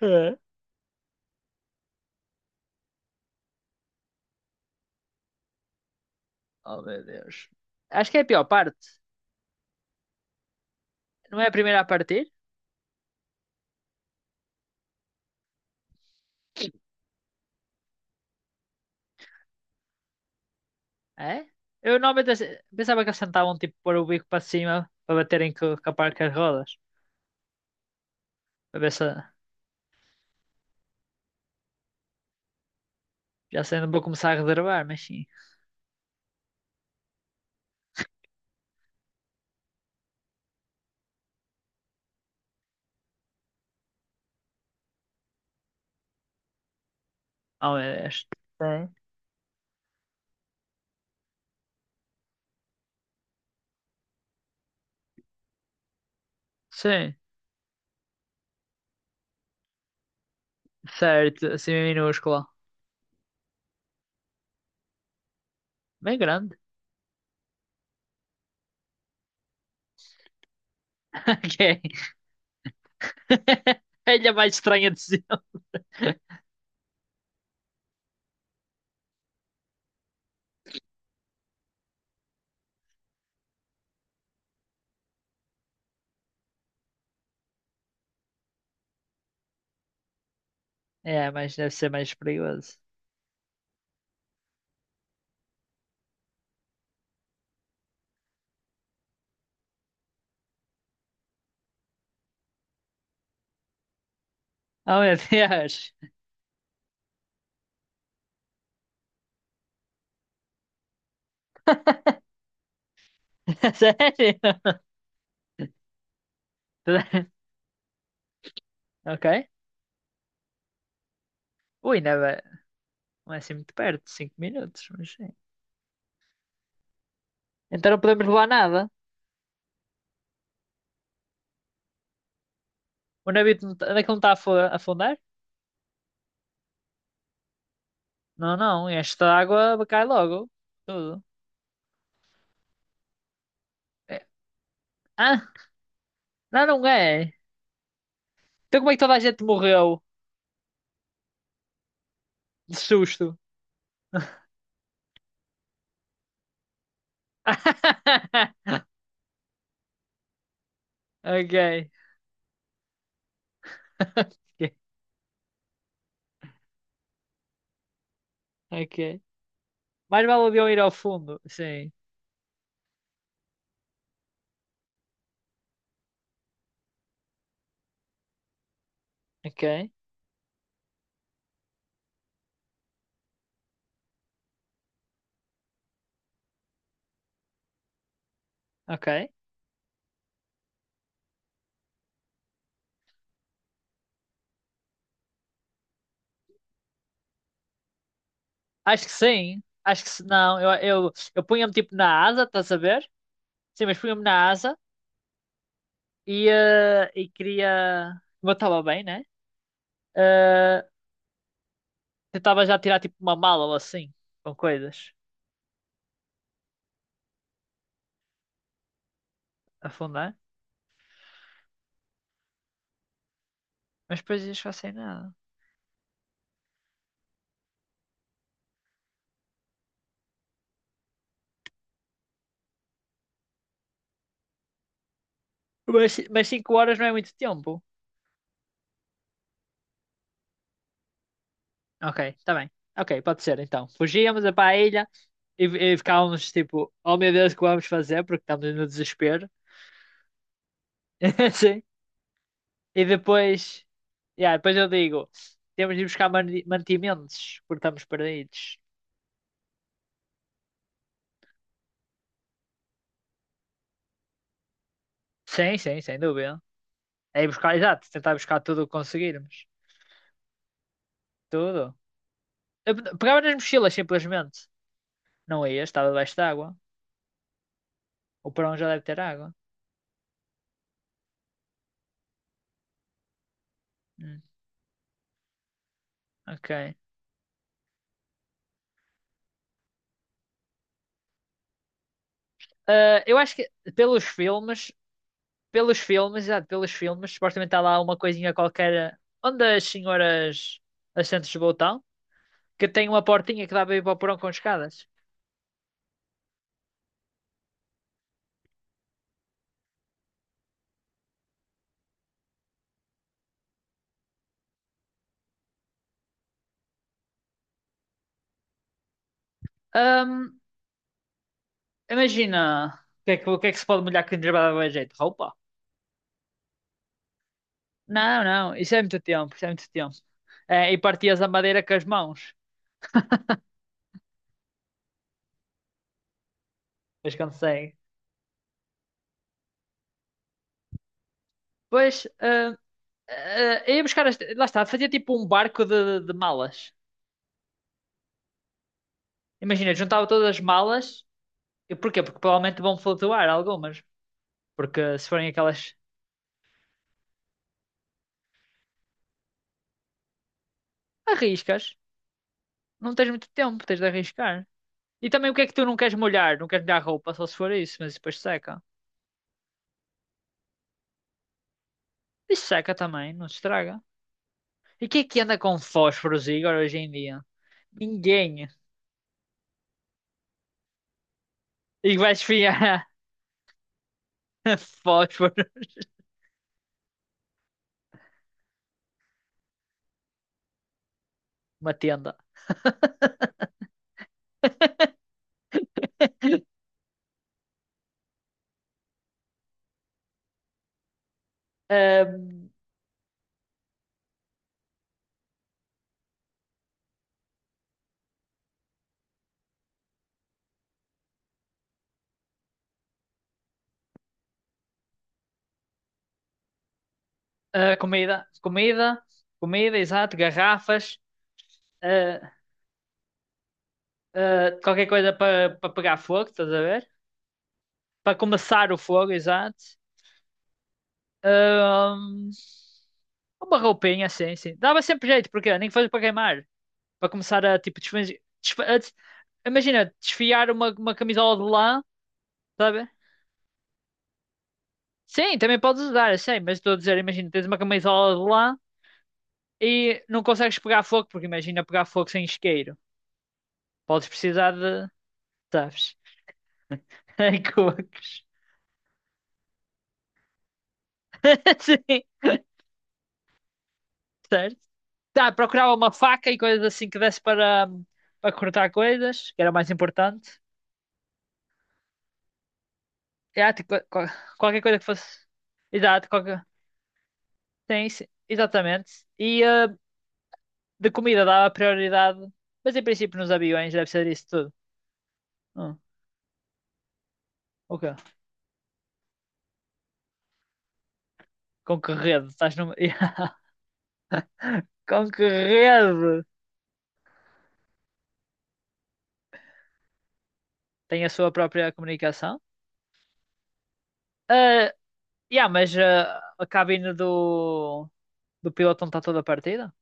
É. Oh, meu Deus. Acho que é a pior parte. Não é a primeira a partir? É? Eu normalmente pensava que eles tentavam tipo pôr o bico para cima para baterem com a parte das rodas. Para ver se já sei, não vou começar a reservar, mas sim. Oh, meu Deus. Sim. Sim, certo. Assim minúscula. Bem grande. Ok. É a mais estranha de sempre. É, mas deve ser mais perigoso. Oh, meu Deus! Sério? Ok. Ui, não. Não é assim muito perto, 5 minutos, mas sim. Então não podemos levar nada. O navio não onde é que não está a a afundar? Não, não, esta água cai logo. Tudo. É. Ah, não, não é. Então como é que toda a gente morreu de susto? Ok. Ok. Ok. Mais vale o avião ir ao fundo. Sim. Ok. Ok. Acho que sim. Acho que se não. Eu punha-me tipo na asa, estás a ver? Sim, mas punha-me na asa. E queria. Como eu estava bem, né? Eh, Tentava já tirar tipo uma mala ou assim, com coisas, afundar. Mas depois ia ficar sem nada. Mas 5 horas não é muito tempo. Ok, está bem. Ok, pode ser então. Fugíamos para a ilha e ficávamos tipo, oh meu Deus, o que vamos fazer? Porque estamos no desespero. Sim. E depois. Yeah, depois eu digo, temos de ir buscar mantimentos, porque estamos perdidos. Sim, sim, sem dúvida. É ir buscar, exato, tentar buscar tudo o que conseguirmos. Tudo. Eu pegava nas mochilas, simplesmente. Não ia, estava debaixo de água. O porão já deve ter água. Hum, ok. Ah, eu acho que pelos filmes, pelos filmes, exato, pelos filmes, supostamente está lá uma coisinha qualquer onde as senhoras assentos de botão, que tem uma portinha que dá para ir para o porão com escadas. Ahm, Imagina, o que é que se pode molhar que nos vai dar jeito? Roupa? Não, não, isso é muito tempo, isso é muito tempo. É, e partias a madeira com as mãos. Pois consegue. Pois. Ah, eu ia buscar, lá está, fazia tipo um barco de malas. Imagina, juntava todas as malas. E porquê? Porque provavelmente vão flutuar algumas. Porque se forem aquelas arriscas, não tens muito tempo, tens de arriscar. E também o que é que tu não queres molhar? Não queres molhar a roupa, só se for isso, mas depois seca. E seca também, não se estraga. E quem é que anda com fósforos, Igor, hoje em dia? Ninguém. E vais esfriar fósforo uma tenda. Ah, comida, comida, comida, exato, garrafas, ah, ah, qualquer coisa para pegar fogo, estás a ver? Para começar o fogo, exato. Ahm, uma roupinha, sim, sim. Dava sempre jeito, porque nem que fosse para queimar, para começar a tipo desfazer. Imagina, desfiar uma camisola de lã, sabe? Sim, também podes usar, eu sei, mas estou a dizer, imagina, tens uma camisola de lã e não consegues pegar fogo, porque imagina pegar fogo sem isqueiro. Podes precisar de, sabes? Em cocos. Sim, certo. Tá, procurava uma faca e coisas assim que desse para cortar coisas, que era o mais importante. É, tipo, qualquer coisa que fosse. Exato, qualquer. Sim, sim, exatamente. E de comida dava prioridade, mas em princípio nos aviões deve ser isso tudo. Hum, ok. Com que rede? Estás numa. Yeah. Com que rede? Tem a sua própria comunicação. Ah, yeah, mas a cabine do piloto não está toda partida?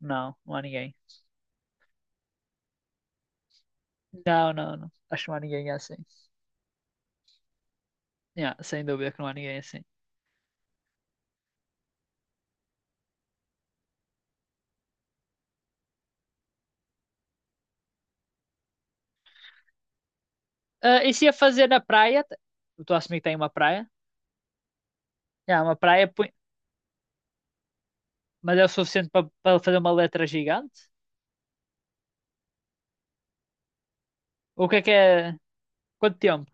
Não, não há ninguém. Não, não, não. Acho que não há ninguém assim. Yeah, sem dúvida que não há ninguém assim. Ah, e se ia fazer na praia? Eu estou a assumir que tem uma praia. Yeah, uma praia, mas é o suficiente para fazer uma letra gigante? O que é que é? Quanto tempo?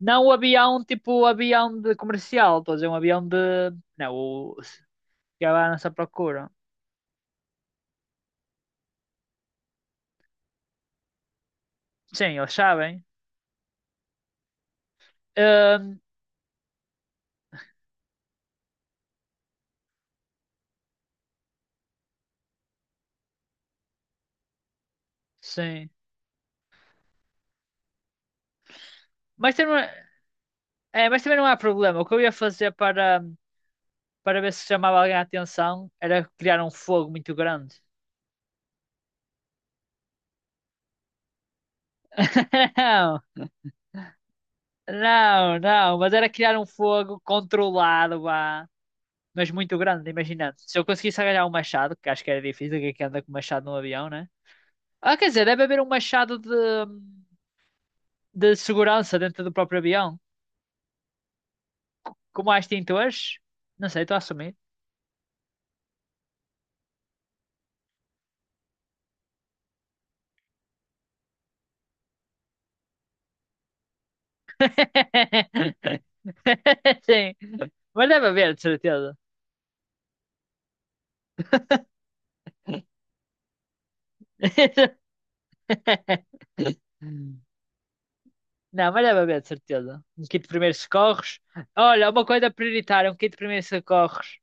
Não o avião, tipo o avião de comercial. Estou a dizer um avião de. Não, o. Que é à nossa procura. Sim, eles sabem. Ahm, sim. Mas, também é, mas também não há problema. O que eu ia fazer para ver se chamava alguém a atenção, era criar um fogo muito grande. Não, não, não, mas era criar um fogo controlado, vá, mas muito grande, imagina. Se eu conseguisse agarrar um machado, que acho que era difícil, que é que anda com machado num avião, né? Ah, quer dizer, deve haver um machado de segurança dentro do próprio avião, como há extintores. Não sei, estou a assumir. Sim, mas deve haver, de certeza. Não, mas deve haver, de certeza. Um kit de primeiros socorros. Olha, uma coisa prioritária, um kit de primeiros socorros.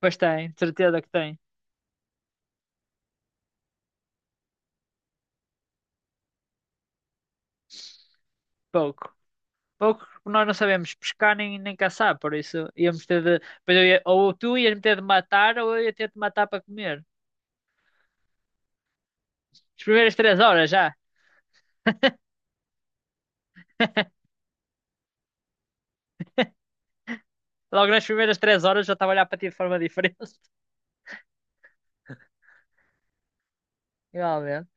Pois tem, de certeza que tem. Pouco. Pouco, porque nós não sabemos pescar nem caçar, por isso íamos ter de. Pois eu ou tu ias me ter de matar, ou eu ia ter de matar para comer. As primeiras 3 horas já. Logo nas primeiras 3 horas já estava a olhar para ti de forma diferente. Igualmente.